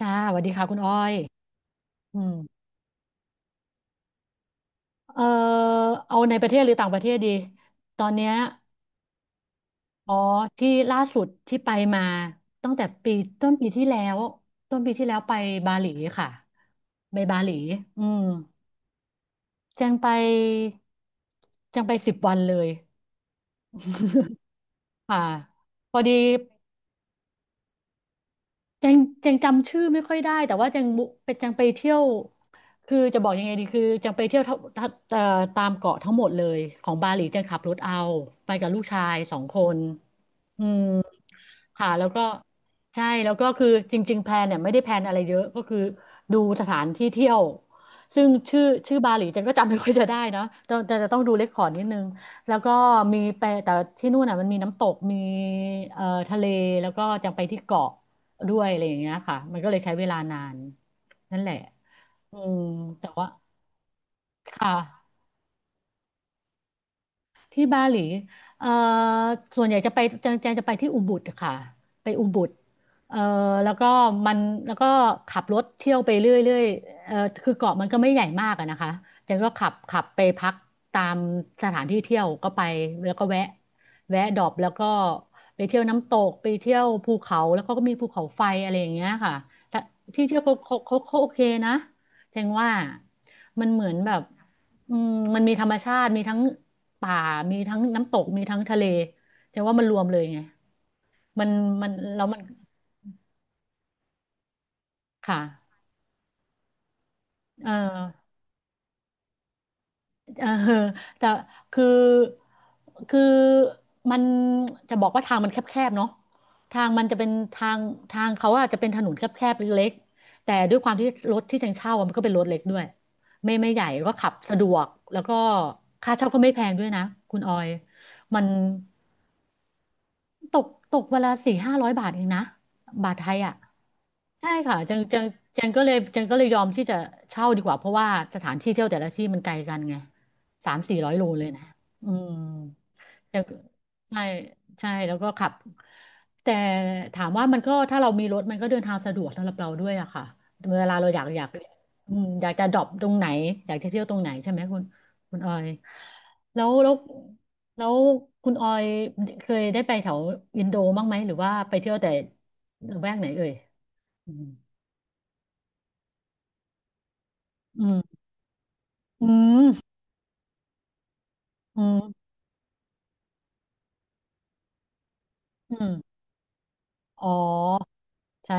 จ้าสวัสดีค่ะคุณอ้อยอืมเอ่อเอาในประเทศหรือต่างประเทศดีตอนเนี้ยอ๋อที่ล่าสุดที่ไปมาตั้งแต่ปีต้นปีที่แล้วต้นปีที่แล้วไปบาหลีค่ะไปบาหลีอืมแจังไปแจังไป10 วันเลยค่ะพอดี ยังยังจำชื่อไม่ค่อยได้แต่ว่าจังมุเป็นจังไปเที่ยวคือจะบอกยังไงดีคือจังไปเที่ยวทั้งตามเกาะทั้งหมดเลยของบาหลีจังขับรถเอาไปกับลูกชายสองคนอืม ค่ะแล้วก็ใช่แล้วก็คือจริงๆแพลนเนี่ยไม่ได้แพลนอะไรเยอะก็คือดูสถานที่เที่ยวซึ่งชื่อชื่อบาหลีจันก็จำไม่ค่อยจะได้นะแต่จะต้องดูเรคคอร์ดนิดนึงแล้วก็มีไปแต่ที่นู่นน่ะมันมีน้ำตกมีเอ่อทะเลแล้วก็จะไปที่เกาะด้วยอะไรอย่างเงี้ยค่ะมันก็เลยใช้เวลานานนั่นแหละอืมแต่ว่าค่ะ ที่บาหลีเอ่อส่วนใหญ่จะไปแจงจะไปที่อุบุดค่ะไปอุบุดเอ่อแล้วก็มันแล้วก็ขับรถเที่ยวไปเรื่อยๆคือเกาะมันก็ไม่ใหญ่มากอะนะคะแจงก็ขับไปพักตามสถานที่เที่ยวก็ไปแล้วก็แวะดรอปแล้วก็ไปเที่ยวน้ำตกไปเที่ยวภูเขาแล้วก็มีภูเขาไฟอะไรอย่างเงี้ยค่ะแต่ที่เที่ยวเขาโอเคนะแจงว่ามันเหมือนแบบ อืมมันมีธรรมชาติมีทั้งป่ามีทั้งน้ำตกมีทั้งทะเลแต่ว่ามันรวมเลยไงมันมันแล้วมันค่ะเออเออ แต่คือคือมันจะบอกว่าทางมันแคบๆเนาะทางมันจะเป็นทางเขาอะจะเป็นถนนแคบๆเล็กๆแต่ด้วยความที่รถที่จังเช่าอะมันก็เป็นรถเล็กด้วยไม่ใหญ่ก็ขับสะดวกแล้วก็ค่าเช่าก็ไม่แพงด้วยนะคุณออยมัน ตกวันละ400-500 บาทเองนะบาทไทยอ่ะใช่ค่ะจังก็เลยยอมที่จะเช่าดีกว่าเพราะว่าสถานที่เที่ยวแต่ละที่มันไกลกันไง300-400 โลเลยนะอืม แต่ก็ใช่ใช่แล้วก็ขับแต่ถามว่ามันก็ถ้าเรามีรถมันก็เดินทางสะดวกสำหรับเราด้วยอะค่ะเวลาเราอยากอืมอยากจะดรอปตรงไหนอยากจะเที่ยวตรงไหนใช่ไหมคุณออยแล้วแล้วแล้วคุณออยเคยได้ไปแถวอินโดบ้างไหมหรือว่าไปเที่ยวแต่ละแวกไหนเอ่ยอืมอืมอืมอืมอืมอ๋อใช่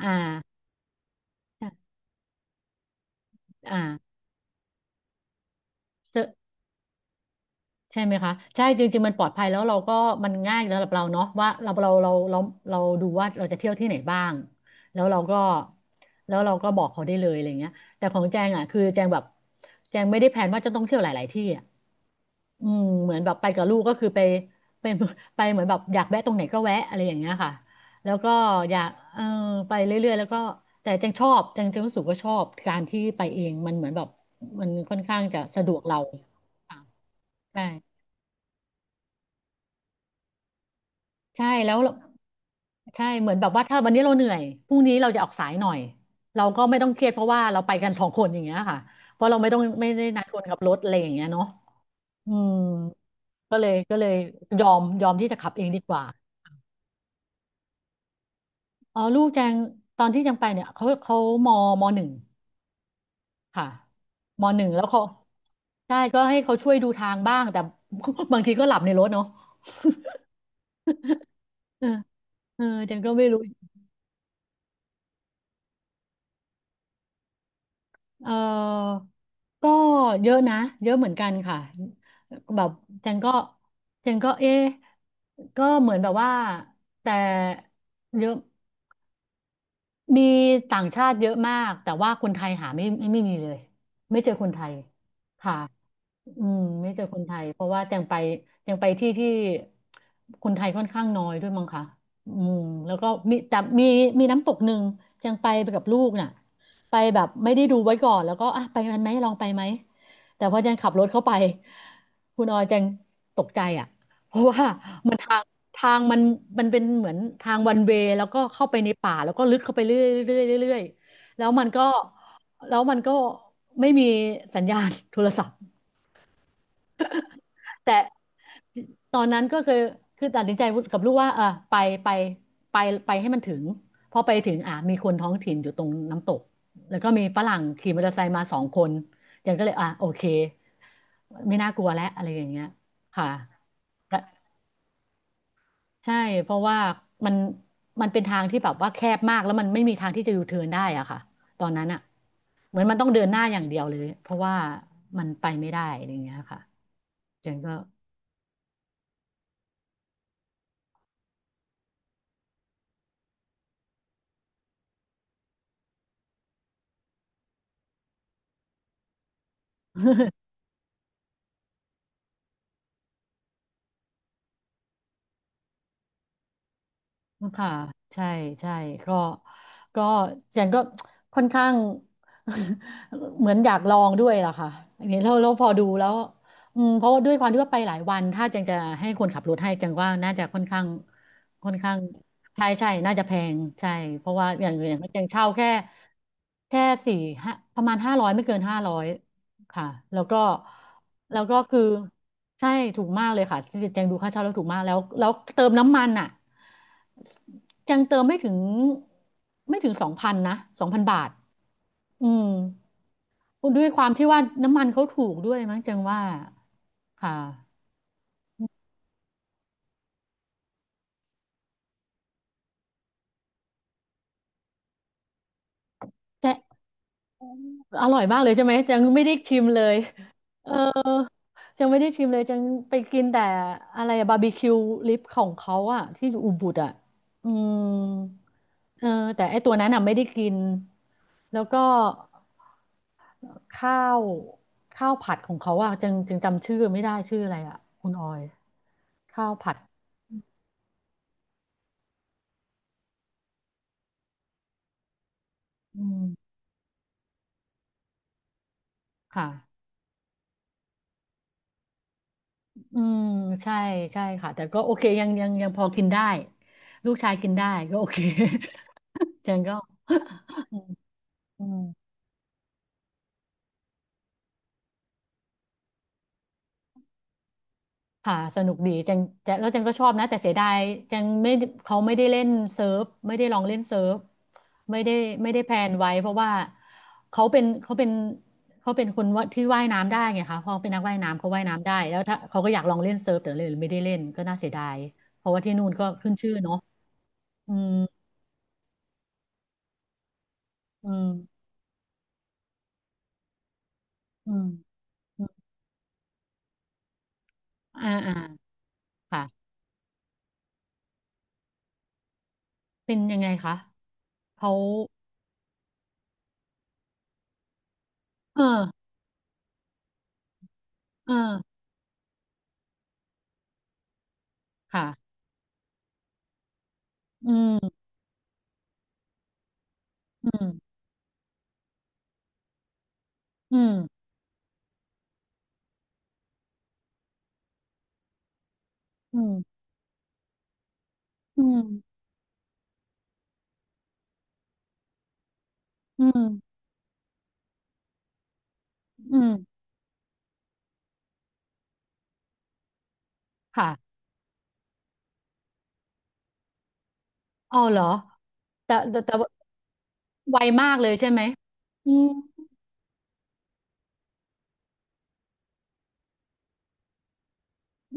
อ่าอ่าเจอ ใช่ไหมคะใช่จริงๆมันปลอดภัยแล้วเราก็มันง่ายสำหรับเราเนาะว่าเราเราดูว่าเราจะเที่ยวที่ไหนบ้างแล้วเราก็บอกเขาได้เลยอะไรเงี้ยแต่ของแจงอ่ะคือแจงแบบแจงไม่ได้แผนว่าจะต้องเที่ยวหลายๆ ที่อ่ะอืมเหมือนแบบไปกับลูกก็คือไป ไปเหมือนแบบอยากแวะตรงไหนก็แวะอะไรอย่างเงี้ยค่ะแล้วก็อยากเออไปเรื่อยๆแล้วก็แต่แจงชอบแจงรู้สึกว่าชอบการที่ไปเองมันเหมือนแบบมันค่อนข้างจะสะดวกเราค่ะใช่ใช่แล้วเรา ใช่เหมือนแบบว่าถ้าวันนี้เราเหนื่อยพรุ่งนี้เราจะออกสายหน่อยเราก็ไม่ต้องเครียดเพราะว่าเราไปกันสองคนอย่างเงี้ยค่ะเพราะเราไม่ต้องไม่ได้นัดคนขับรถอะไรอย่างเงี้ยเนาะอืมก็เลยยอมที่จะขับเองดีกว่าอ๋อลูกแจงตอนที่แจงไปเนี่ยเขามมหนึ่งค่ะมหนึ่งแล้วเขาใช่ก็ให้เขาช่วยดูทางบ้างแต่ บางทีก็หลับในรถเนาะเออเออแจงก็ไม่รู้ เออก็เยอะนะ เยอะเหมือนกันค่ะแบบจันก็จันก็เอ๊ะก็เหมือนแบบว่า แต่เยอะ มีต่างชาติเยอะมากแต่ว่าคนไทยหาไม่มีเลยไม่เจอคนไทยค่ะอืมไม่เจอคนไทยเพราะว่าแจงไปที่ที่คนไทยค่อนข้างน้อยด้วยมั้งคะอืมแล้วก็มีแต่มีมีน้ำตกหนึ่งแจงไปกับลูกน่ะไปแบบไม่ได้ดูไว้ก่อนแล้วก็อ่ะไปกันไหมลองไปไหมแต่พอแจงขับรถเข้าไปคุณออยแจงตกใจอ่ะเพราะว่ามันทาง ทางมันเป็นเหมือนทางวันเวยแล้วก็เข้าไปในป่าแล้วก็ลึกเข้าไปเรื่อยเรื่อยเรื่อยแล้วมันก็แล้วมันก็ไม่มีสัญญาณโทรศัพท์แต่ตอนนั้นก็คือตัดสินใจกับลูกว่าเออไปไปไปไปให้มันถึงพอไปถึงอ่ะมีคนท้องถิ่นอยู่ตรงน้ำตกแล้วก็มีฝรั่งขี่มอเตอร์ไซค์มา2 คนยังก็เลยอ่ะโอเคไม่น่ากลัวแล้วอะไรอย่างเงี้ยค่ะ ใช่เพราะว่ามันเป็นทางที่แบบว่าแคบมากแล้วมันไม่มีทางที่จะยูเทิร์นได้อะค่ะตอนนั้นอะเหมือนมันต้องเดินหน้าอย่างเดียวเลยเพราะว่ามันไปไม่ได้อะไรอย่างเงี้ยค่ะเจนก็ ค่ะใช่ใช่ก็ก็อย่างก็ค่อนข้าง เหมือนอยากลองด้วยล่ะค่ะอย่างนี้เราพอดูแล้วอืมเพราะว่าด้วยความที่ว่าไปหลายวันถ้าจังจะให้คนขับรถให้จังว่าน่าจะค่อนข้างค่อนข้างใช่ใช่น่าจะแพงใช่เพราะว่าอย่างจังเช่าแค่สี่ห้าประมาณห้าร้อยไม่เกินห้าร้อย ค่ะแล้วก็คือใช่ถูกมากเลยค่ะแจงดูค่าเช่าแล้วถูกมากแล้วเติมน้ำมันอ่ะยังเติมไม่ถึงไม่ถึงสองพันนะ2,000 บาทอืมด้วยความที่ว่าน้ำมันเขาถูกด้วยมั้งแจงว่าค่ะแต่อร่อยมากเลยใช่ไหมแจงไม่ได้ชิมเลยเออจจงไม่ได้ชิมเลยจังไปกินแต่อะไรบาร์บีคิวลิปของเขาอะที่อยู่อุบุดอะอืม เออแต่ไอ้ตัวนั้นน่ะไม่ได้กินแล้วก็ข้าวข้าวผัดของเขาอ่ะจึงจำชื่อไม่ได้ชื่ออะไรอ่ะคุณออยข้าวผัดอืมค่ะอืมใช่ใช่ค่ะแต่ก็โอเคยังพอกินได้ลูกชายกินได้ก็โอเค เจนก็ อืม ค่ะสนุกดีจังจะแล้วจังก็ชอบนะแต่เสียดายจังไม่เขาไม่ได้เล่นเซิร์ฟไม่ได้ลองเล่นเซิร์ฟไม่ได้ไม่ได้แพลนไว้เพราะว่าเขาเป็นเขาเป็นเขาเป็นคนว่าที่ว่ายน้ำได้ไงคะเขาเป็นนักว่ายน้ำเขาว่ายน้ำได้แล้วถ้าเขาก็อยากลองเล่นเซิร์ฟแต่เลยไม่ได้เล่นก็น่าเสียดายเพราะว่าที่นู่นก็ขึ้นชื่อเนาะอืมอืมอืมอืมอ่าอ่าค่ะเป็นยังไงคะเขาเออเออค่ะอืมอืมอืมอืมอืม อืม อืม ค่ะเอาเหรอ แต่ว่าไวมากเลยใช่ไหม อืม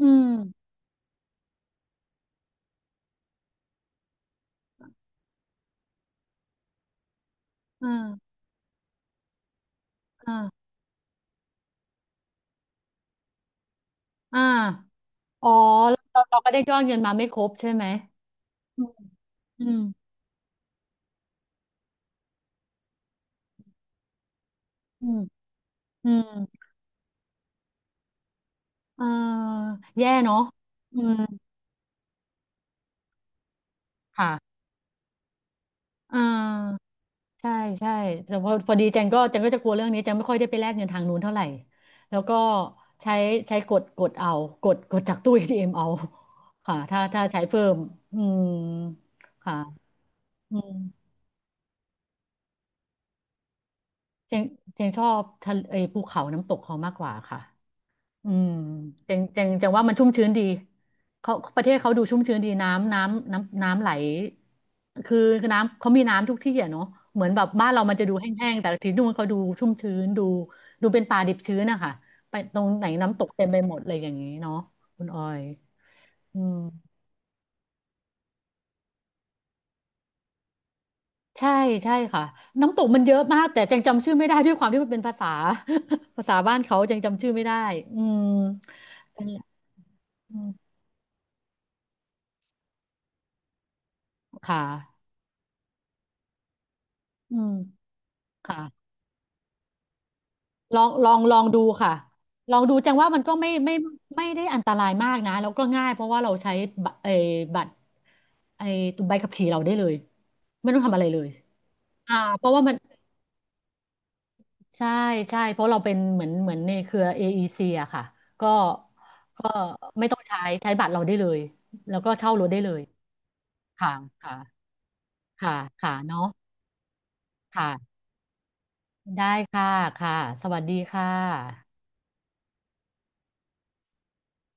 อืมอ่าอ่าอ่าอ๋อแล้วเราก็ได้ยอดเงินมาไม่ครบใช่ไหมอืมอืมอืมอืมเอ่าแย่เนาะอืมค่ะอ่า ใช่ใช่แต่พอพอดีแจงก็จะกลัวเรื่องนี้แจงไม่ค่อยได้ไปแลกเงินทางนู้นเท่าไหร่แล้วก็ใช้ใช้กดเอากดจากตู้เอทีเอมเอาค่ะถ้าใช้เพิ่มอืมค่ะอืมแจงแจงชอบทะเลไอ้ภูเขาน้ำตกเขามากกว่าค่ะ อืมเจังจังว่ามันชุ่มชื้นดีเขาประเทศเขาดูชุ่มชื้นดีน้ำไหลคือน้ำเขามีน้ำทุกที่อ่ะเนาะเหมือนแบบบ้านเรามันจะดูแห้งๆแต่ที่นู่นเขาดูชุ่มชื้นดูเป็นป่าดิบชื้นอะค่ะไปตรงไหนน้ำตกเต็มไปหมดเลยอย่างนี้เนาะคุณออยอืมใช่ใช่ค่ะน้ำตกมันเยอะมากแต่จังจำชื่อไม่ได้ด้วยความที่มันเป็นภาษา ภาษาบ้านเขาจังจำชื่อไม่ได้อืมนั่นแหละอืมค่ะอืมค่ะ ลองดูค่ะลองดูจังว่ามันก็ไม่ได้อันตรายมากนะแล้วก็ง่ายเพราะว่าเราใช้บัตรไอ้บัตรไอ้ตัวใบขับขี่เราได้เลยไม่ต้องทำอะไรเลยอ่าเพราะว่ามันใช่ใช่เพราะเราเป็นเหมือนในเครือ AEC ออีซีอะค่ะก็ก็ไม่ต้องใช้บัตรเราได้เลยแล้วก็เช่ารถได้เลยค่ะค่ะค่ะค่ะเนาะค่ะได้ค่ะค่ะสวัสดีค่ะ